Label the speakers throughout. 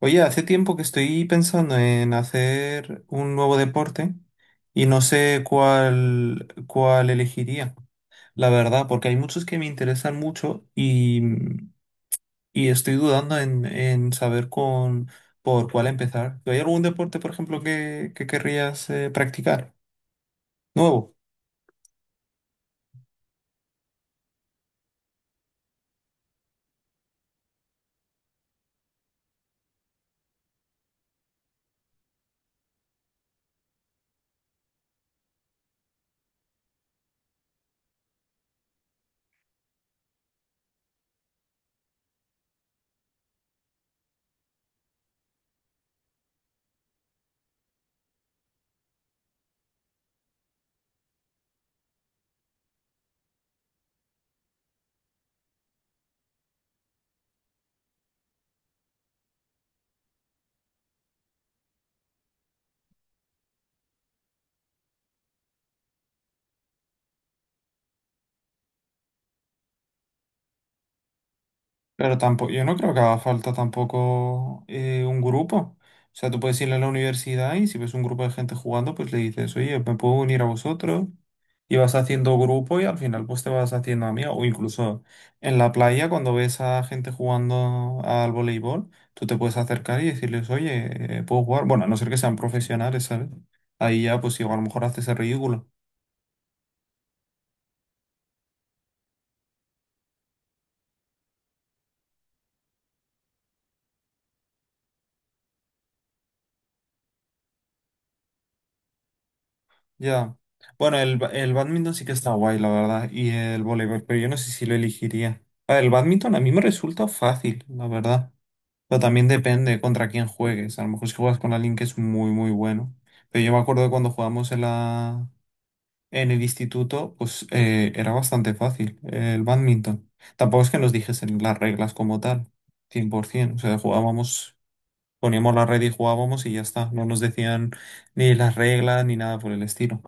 Speaker 1: Oye, hace tiempo que estoy pensando en hacer un nuevo deporte y no sé cuál elegiría, la verdad, porque hay muchos que me interesan mucho y estoy dudando en saber con, por cuál empezar. ¿Hay algún deporte, por ejemplo, que querrías practicar? Nuevo, pero tampoco, yo no creo que haga falta tampoco un grupo. O sea, tú puedes ir a la universidad y si ves un grupo de gente jugando, pues le dices, oye, ¿me puedo unir a vosotros? Y vas haciendo grupo y al final pues te vas haciendo amigo. O incluso en la playa cuando ves a gente jugando al voleibol, tú te puedes acercar y decirles, oye, ¿puedo jugar? Bueno, a no ser que sean profesionales, ¿sabes? Ahí ya pues igual a lo mejor haces el ridículo. Ya. Bueno, el bádminton sí que está guay, la verdad, y el voleibol, pero yo no sé si lo elegiría. A ver, el bádminton a mí me resulta fácil, la verdad. Pero también depende contra quién juegues. A lo mejor si juegas con alguien que es muy, muy bueno. Pero yo me acuerdo de cuando en el instituto, pues era bastante fácil el bádminton. Tampoco es que nos dijesen las reglas como tal, 100%. O sea, jugábamos, poníamos la red y jugábamos y ya está. No nos decían ni las reglas ni nada por el estilo.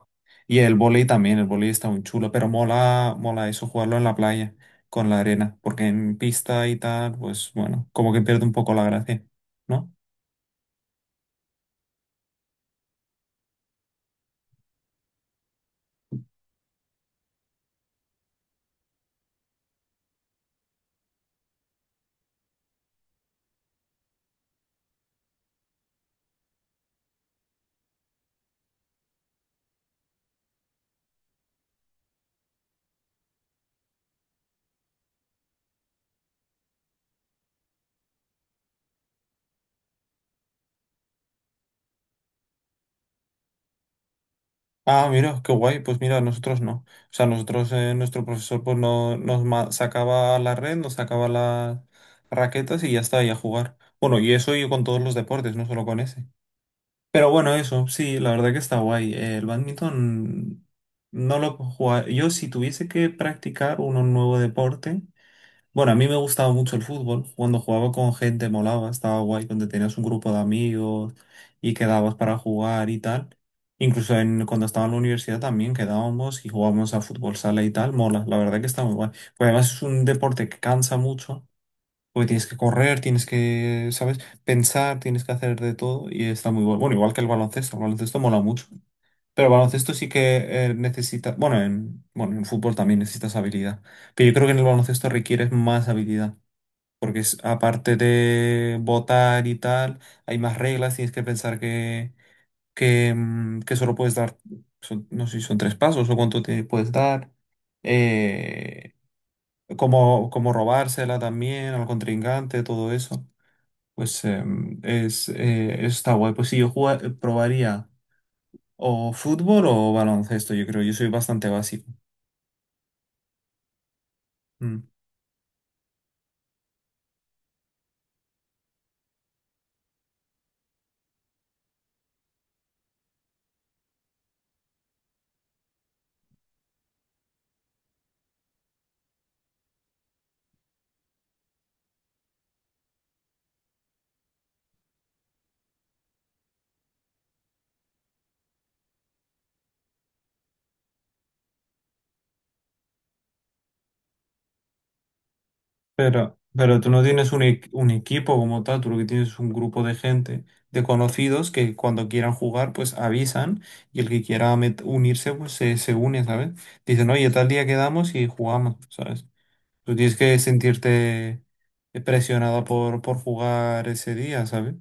Speaker 1: Y el vóley también, el vóley está muy chulo, pero mola, mola eso, jugarlo en la playa, con la arena. Porque en pista y tal, pues bueno, como que pierde un poco la gracia, ¿no? Ah, mira, qué guay. Pues mira, nosotros no. O sea, nosotros, nuestro profesor, pues no, sacaba la red, nos sacaba las raquetas y ya está, y a jugar. Bueno, y eso yo con todos los deportes, no solo con ese. Pero bueno, eso, sí, la verdad que está guay. El badminton no lo puedo jugar. Yo, si tuviese que practicar un nuevo deporte. Bueno, a mí me gustaba mucho el fútbol. Cuando jugaba con gente molaba, estaba guay, donde tenías un grupo de amigos y quedabas para jugar y tal. Incluso cuando estaba en la universidad también quedábamos y jugábamos a fútbol sala y tal. Mola, la verdad que está muy guay. Pues además es un deporte que cansa mucho, porque tienes que correr, tienes que, ¿sabes? Pensar, tienes que hacer de todo y está muy bueno. Bueno, igual que el baloncesto mola mucho. Pero el baloncesto sí que necesita, bueno, en fútbol también necesitas habilidad. Pero yo creo que en el baloncesto requieres más habilidad porque aparte de votar y tal, hay más reglas, tienes que pensar que solo puedes dar, no sé si son tres pasos o cuánto te puedes dar, eh, cómo, cómo robársela también al contrincante, todo eso. Pues está guay. Pues sí, probaría o fútbol o baloncesto, yo creo, yo soy bastante básico. Mm. Pero tú no tienes un, un equipo como tal, tú lo que tienes es un grupo de gente, de conocidos, que cuando quieran jugar, pues avisan y el que quiera unirse, pues se une, ¿sabes? Dicen, oye, tal día quedamos y jugamos, ¿sabes? Tú tienes que sentirte presionada por jugar ese día, ¿sabes?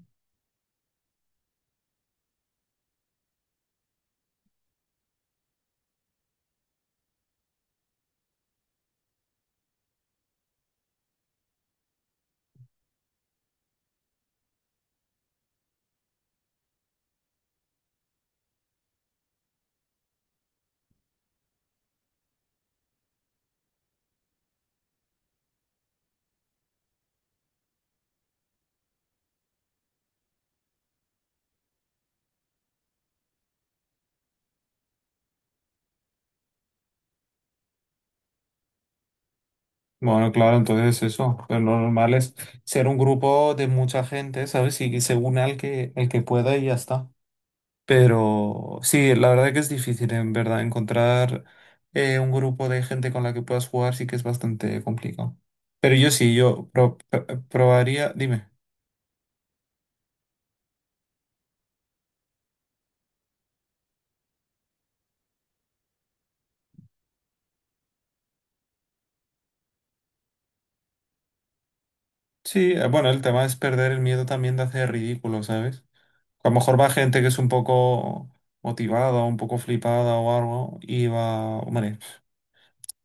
Speaker 1: Bueno, claro, entonces eso, pero lo normal es ser un grupo de mucha gente, ¿sabes? Y que se une al que, el que pueda y ya está. Pero sí, la verdad que es difícil, en verdad, encontrar un grupo de gente con la que puedas jugar sí que es bastante complicado. Pero yo sí, yo probaría, dime. Sí, bueno, el tema es perder el miedo también de hacer ridículo, ¿sabes? A lo mejor va gente que es un poco motivada, un poco flipada o algo, y va, hombre.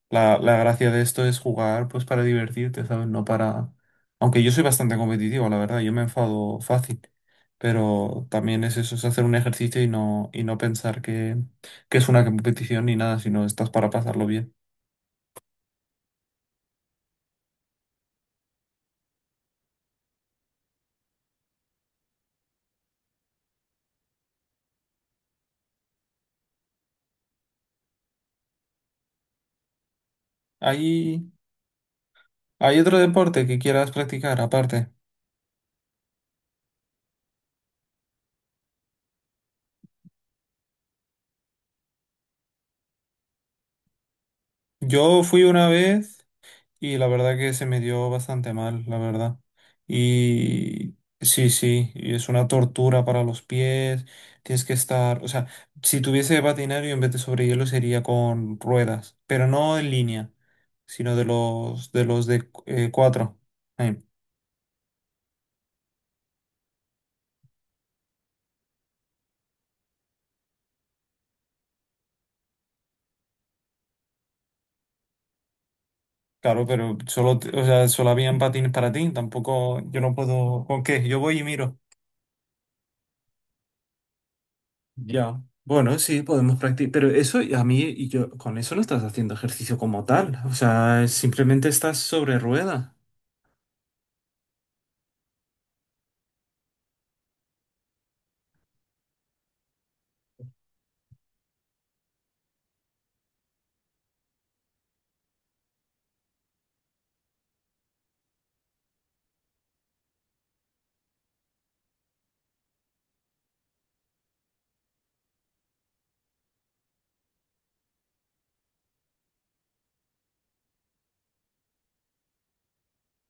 Speaker 1: La gracia de esto es jugar pues para divertirte, ¿sabes? No para... Aunque yo soy bastante competitivo, la verdad, yo me enfado fácil, pero también es eso, es hacer un ejercicio y no pensar que es una competición ni nada, sino estás para pasarlo bien. ¿Hay, hay otro deporte que quieras practicar aparte? Yo fui una vez... Y la verdad que se me dio bastante mal, la verdad. Y sí, sí, y es una tortura para los pies. Tienes que estar, o sea, si tuviese patinario en vez de sobre hielo sería con ruedas, pero no en línea, sino de los de cuatro. Eh, claro, pero solo, o sea, solo habían patines para ti, tampoco yo no puedo, ¿con qué? Yo voy y miro. Ya, bueno, sí, podemos practicar, pero eso y a mí y yo con eso no estás haciendo ejercicio como tal, o sea, simplemente estás sobre rueda.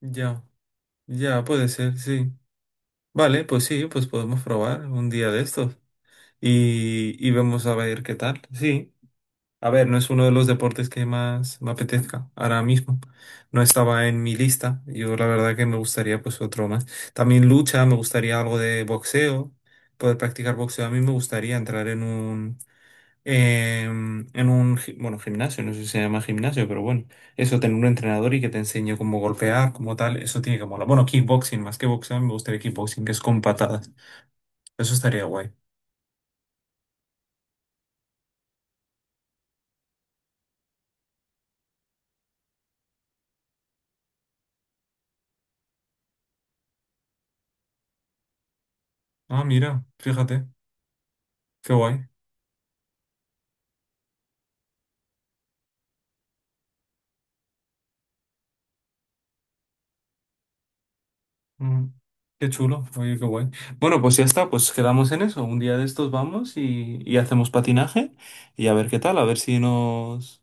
Speaker 1: Ya, ya, puede ser, sí. Vale, pues sí, pues podemos probar un día de estos y vemos a ver qué tal. Sí, a ver, no es uno de los deportes que más me apetezca ahora mismo. No estaba en mi lista, yo la verdad que me gustaría pues otro más. También lucha, me gustaría algo de boxeo, poder practicar boxeo. A mí me gustaría entrar en un en un, bueno, gimnasio, no sé si se llama gimnasio, pero bueno, eso tener un entrenador y que te enseñe cómo golpear, como tal, eso tiene que molar. Bueno, kickboxing, más que boxeo, me gustaría kickboxing, que es con patadas. Eso estaría guay. Ah, mira, fíjate, qué guay. Mm, qué chulo, oye, qué guay. Bueno, pues ya está, pues quedamos en eso. Un día de estos vamos y hacemos patinaje y a ver qué tal, a ver si nos,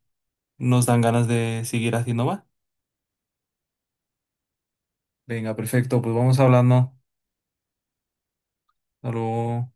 Speaker 1: nos dan ganas de seguir haciendo más. Venga, perfecto, pues vamos hablando. Hasta luego.